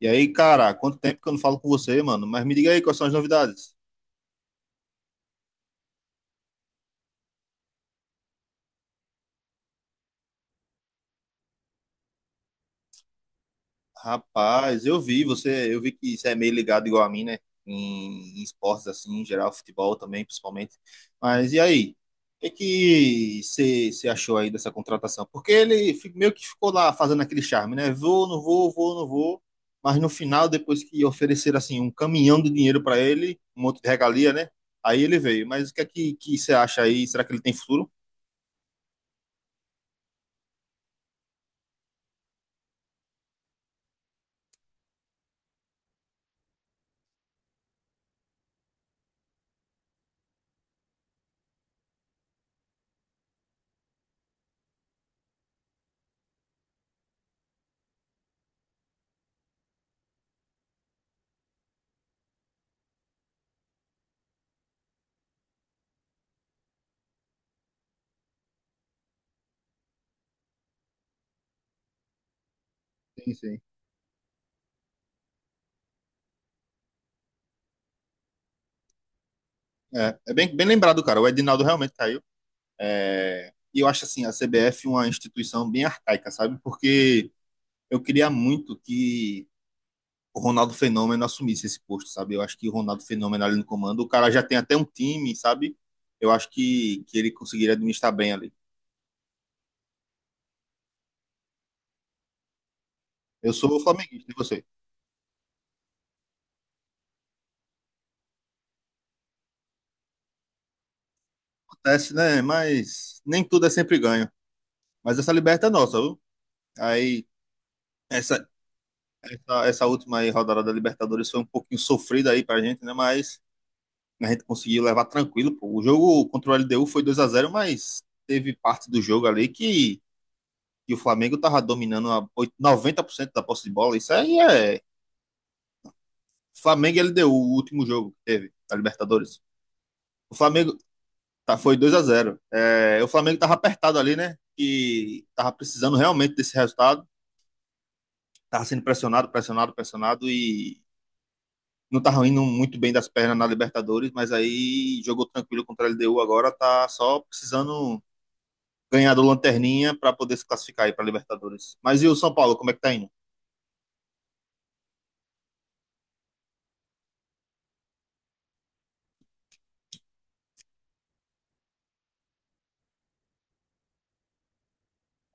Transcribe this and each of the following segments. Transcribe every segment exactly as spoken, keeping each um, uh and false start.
E aí, cara, quanto tempo que eu não falo com você, mano? Mas me diga aí, quais são as novidades? Rapaz, eu vi você, eu vi que você é meio ligado igual a mim, né? Em, em esportes assim, em geral, futebol também, principalmente. Mas e aí? O que que você você achou aí dessa contratação? Porque ele fi- meio que ficou lá fazendo aquele charme, né? Vou, não vou, vou, não vou. Mas no final, depois que ofereceram assim um caminhão de dinheiro para ele, um monte de regalia, né? Aí ele veio. Mas o que é que que você acha aí? Será que ele tem futuro? Sim, sim. É, é bem, bem lembrado, cara. O Edinaldo realmente caiu. É, e eu acho assim, a C B F uma instituição bem arcaica, sabe? Porque eu queria muito que o Ronaldo Fenômeno assumisse esse posto, sabe? Eu acho que o Ronaldo Fenômeno ali no comando, o cara já tem até um time, sabe? Eu acho que, que ele conseguiria administrar bem ali. Eu sou flamenguista, e você? Acontece, né? Mas nem tudo é sempre ganho. Mas essa liberta é nossa, viu? Aí, essa, essa, essa última aí, rodada da Libertadores foi um pouquinho sofrida aí pra gente, né? Mas a gente conseguiu levar tranquilo, pô. O jogo contra o L D U foi dois a zero, mas teve parte do jogo ali que, que o Flamengo tava dominando a oit- noventa por cento da posse de bola. Isso aí é Flamengo e L D U, o último jogo que teve da Libertadores. O Flamengo tá, foi dois a zero. É, o Flamengo tava apertado ali, né? Que tava precisando realmente desse resultado. Tava sendo pressionado, pressionado, pressionado e não tava indo muito bem das pernas na Libertadores, mas aí jogou tranquilo contra a L D U agora, tá só precisando ganhar do Lanterninha para poder se classificar aí para Libertadores. Mas e o São Paulo, como é que tá indo?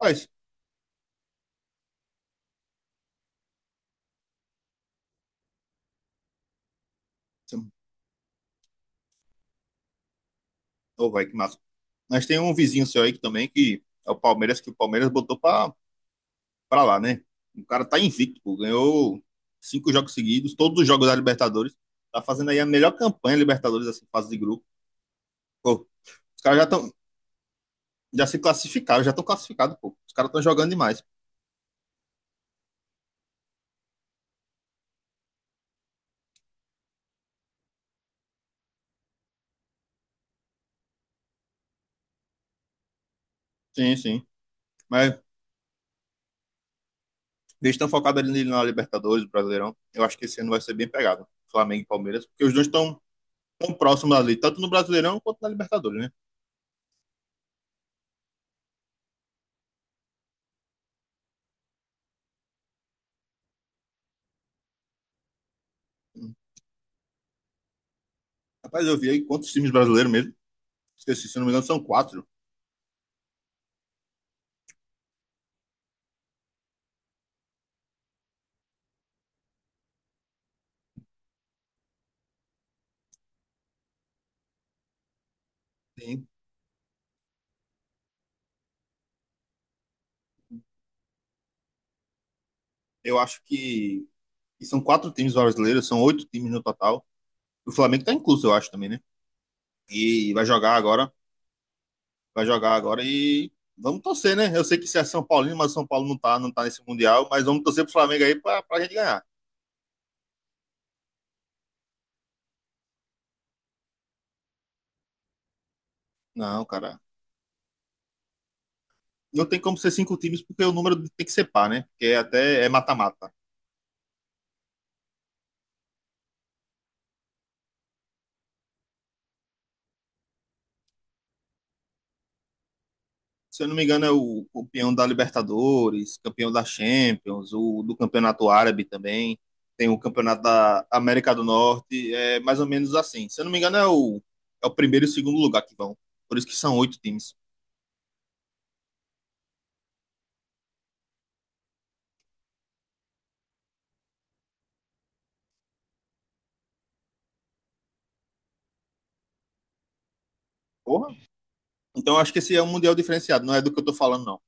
Mas, oh, vai, que massa. Mas tem um vizinho seu aí que também que é o Palmeiras, que o Palmeiras botou para lá, né? O cara tá invicto, pô, ganhou cinco jogos seguidos, todos os jogos da Libertadores. Tá fazendo aí a melhor campanha Libertadores, assim, fase de grupo. Pô, os caras já estão já se classificaram, já estão classificados, pô. Os caras estão jogando demais. Sim, sim. Mas eles estão focados ali na Libertadores, Brasileirão. Eu acho que esse ano vai ser bem pegado. Flamengo e Palmeiras, porque os dois estão tão próximo ali, tanto no Brasileirão quanto na Libertadores, né? Rapaz, eu vi aí quantos times brasileiros mesmo. Esqueci, se não me engano, são quatro. Sim. Eu acho que, que são quatro times brasileiros, são oito times no total. O Flamengo tá incluso, eu acho, também, né? E vai jogar agora, vai jogar agora e vamos torcer, né? Eu sei que se é São Paulino, mas São Paulo não tá, não tá nesse Mundial, mas vamos torcer pro Flamengo aí pra, pra, gente ganhar. Não, cara. Não tem como ser cinco times, porque o número tem que ser par, né? Porque até é mata-mata. Se eu não me engano, é o campeão da Libertadores, campeão da Champions, o do Campeonato Árabe também. Tem o Campeonato da América do Norte. É mais ou menos assim. Se eu não me engano, é o, é o primeiro e o segundo lugar que vão. Por isso que são oito times. Porra. Então eu acho que esse é um mundial diferenciado. Não é do que eu tô falando, não.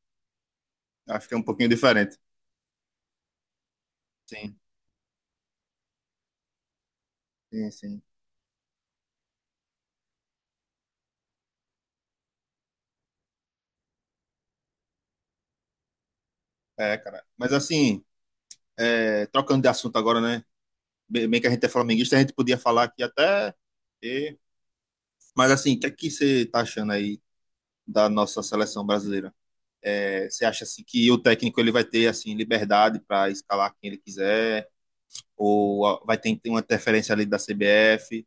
Eu Acho que é um pouquinho diferente. Sim, sim, sim. É, cara. Mas assim, é, trocando de assunto agora, né? Bem bem que a gente é flamenguista, a gente podia falar aqui até. e- Mas assim, o que é que você tá achando aí da nossa seleção brasileira? É, você acha assim que o técnico ele vai ter assim liberdade para escalar quem ele quiser ou vai ter, ter uma interferência ali da C B F? O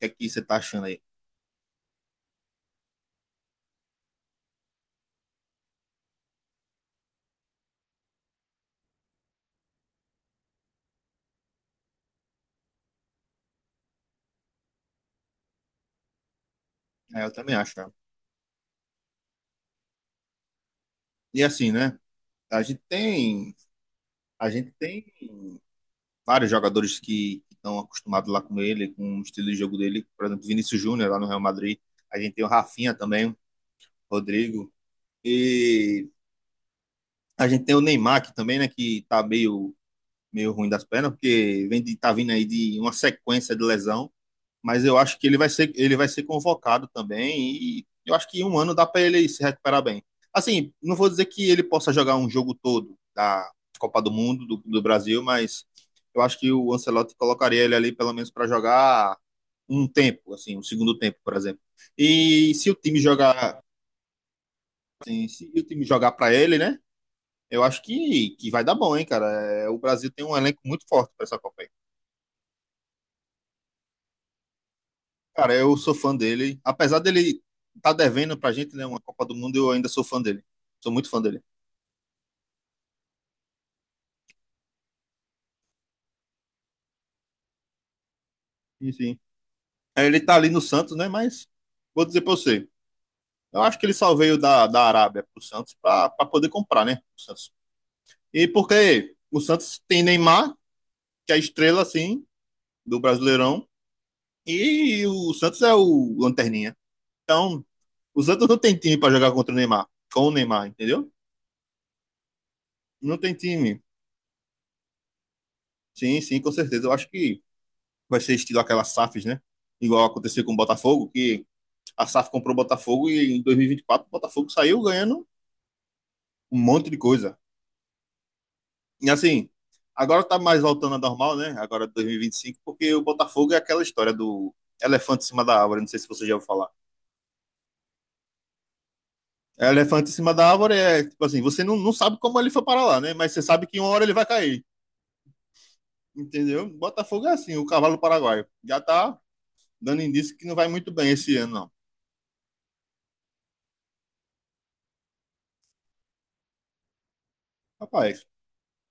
que é que você está achando aí? É, eu também acho. cara. E assim, né? A gente tem a gente tem vários jogadores que estão acostumados lá com ele, com o estilo de jogo dele, por exemplo, Vinícius Júnior lá no Real Madrid. A gente tem o Rafinha também, o Rodrigo e a gente tem o Neymar que também, né, que tá meio meio ruim das pernas, porque vem de, tá vindo aí de uma sequência de lesão, mas eu acho que ele vai ser, ele vai ser convocado também e eu acho que em um ano dá para ele se recuperar bem. Assim, não vou dizer que ele possa jogar um jogo todo da Copa do Mundo, do, do Brasil, mas eu acho que o Ancelotti colocaria ele ali pelo menos para jogar um tempo, assim, um segundo tempo, por exemplo. E se o time jogar, assim, se o time jogar para ele, né? Eu acho que, que vai dar bom, hein, cara. É, O Brasil tem um elenco muito forte para essa Copa. Cara, eu sou fã dele. Apesar dele tá devendo pra gente, né, uma Copa do Mundo, eu ainda sou fã dele. Sou muito fã dele. Sim, sim. É, Ele tá ali no Santos, né, mas vou dizer pra você. Eu acho que ele só veio da, da, Arábia pro Santos pra, pra poder comprar, né, o Santos. E porque o Santos tem Neymar, que é a estrela, assim, do Brasileirão, e o Santos é o lanterninha. Então, o Santos não tem time pra jogar contra o Neymar, com o Neymar, entendeu? Não tem time. Sim, sim, com certeza. Eu acho que vai ser estilo aquela S A Fs, né? Igual aconteceu com o Botafogo, que a S A F comprou o Botafogo e em dois mil e vinte e quatro o Botafogo saiu ganhando um monte de coisa. E assim, agora tá mais voltando a normal, né? Agora dois mil e vinte e cinco, porque o Botafogo é aquela história do elefante em cima da árvore, não sei se você já ouviu falar. É, Elefante em cima da árvore é, tipo assim, você não, não sabe como ele foi para lá, né? Mas você sabe que uma hora ele vai cair, entendeu? Botafogo é assim, o cavalo paraguaio. Já tá dando indício que não vai muito bem esse ano, não. Rapaz,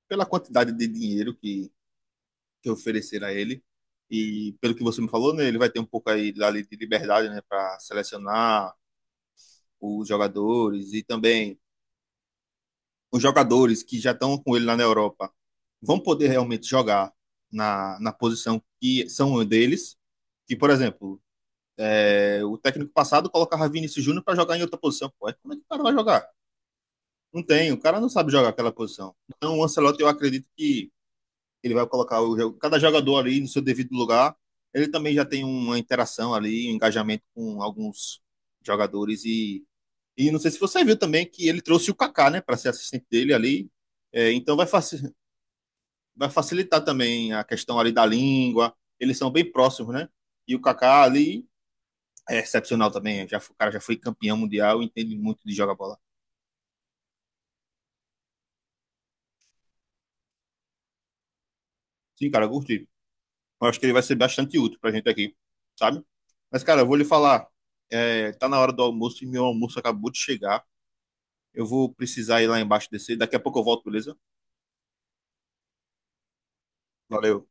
pela quantidade de dinheiro que que oferecer a ele. E pelo que você me falou, né, ele vai ter um pouco aí ali de liberdade, né, para selecionar os jogadores e também os jogadores que já estão com ele lá na Europa vão poder realmente jogar na, na, posição que são deles. Que, por exemplo, é, o técnico passado colocava Vinícius Júnior para jogar em outra posição. Pô, como é que o cara vai jogar? Não tem, o cara não sabe jogar aquela posição. Então, o Ancelotti, eu acredito que ele vai colocar o, cada jogador ali no seu devido lugar. Ele também já tem uma interação ali, um engajamento com alguns jogadores e e não sei se você viu também que ele trouxe o Kaká, né, para ser assistente dele ali. É, então vai, faci vai facilitar também a questão ali da língua. Eles são bem próximos, né? E o Kaká ali é excepcional também. Já, foi- o cara já foi campeão mundial, entende muito de jogar bola. Sim, cara, eu curti. Eu acho que ele vai ser bastante útil pra gente aqui, sabe? Mas, cara, eu vou lhe falar. É, tá na hora do almoço e meu almoço acabou de chegar. Eu vou precisar ir lá embaixo descer. Daqui a pouco eu volto, beleza? Valeu.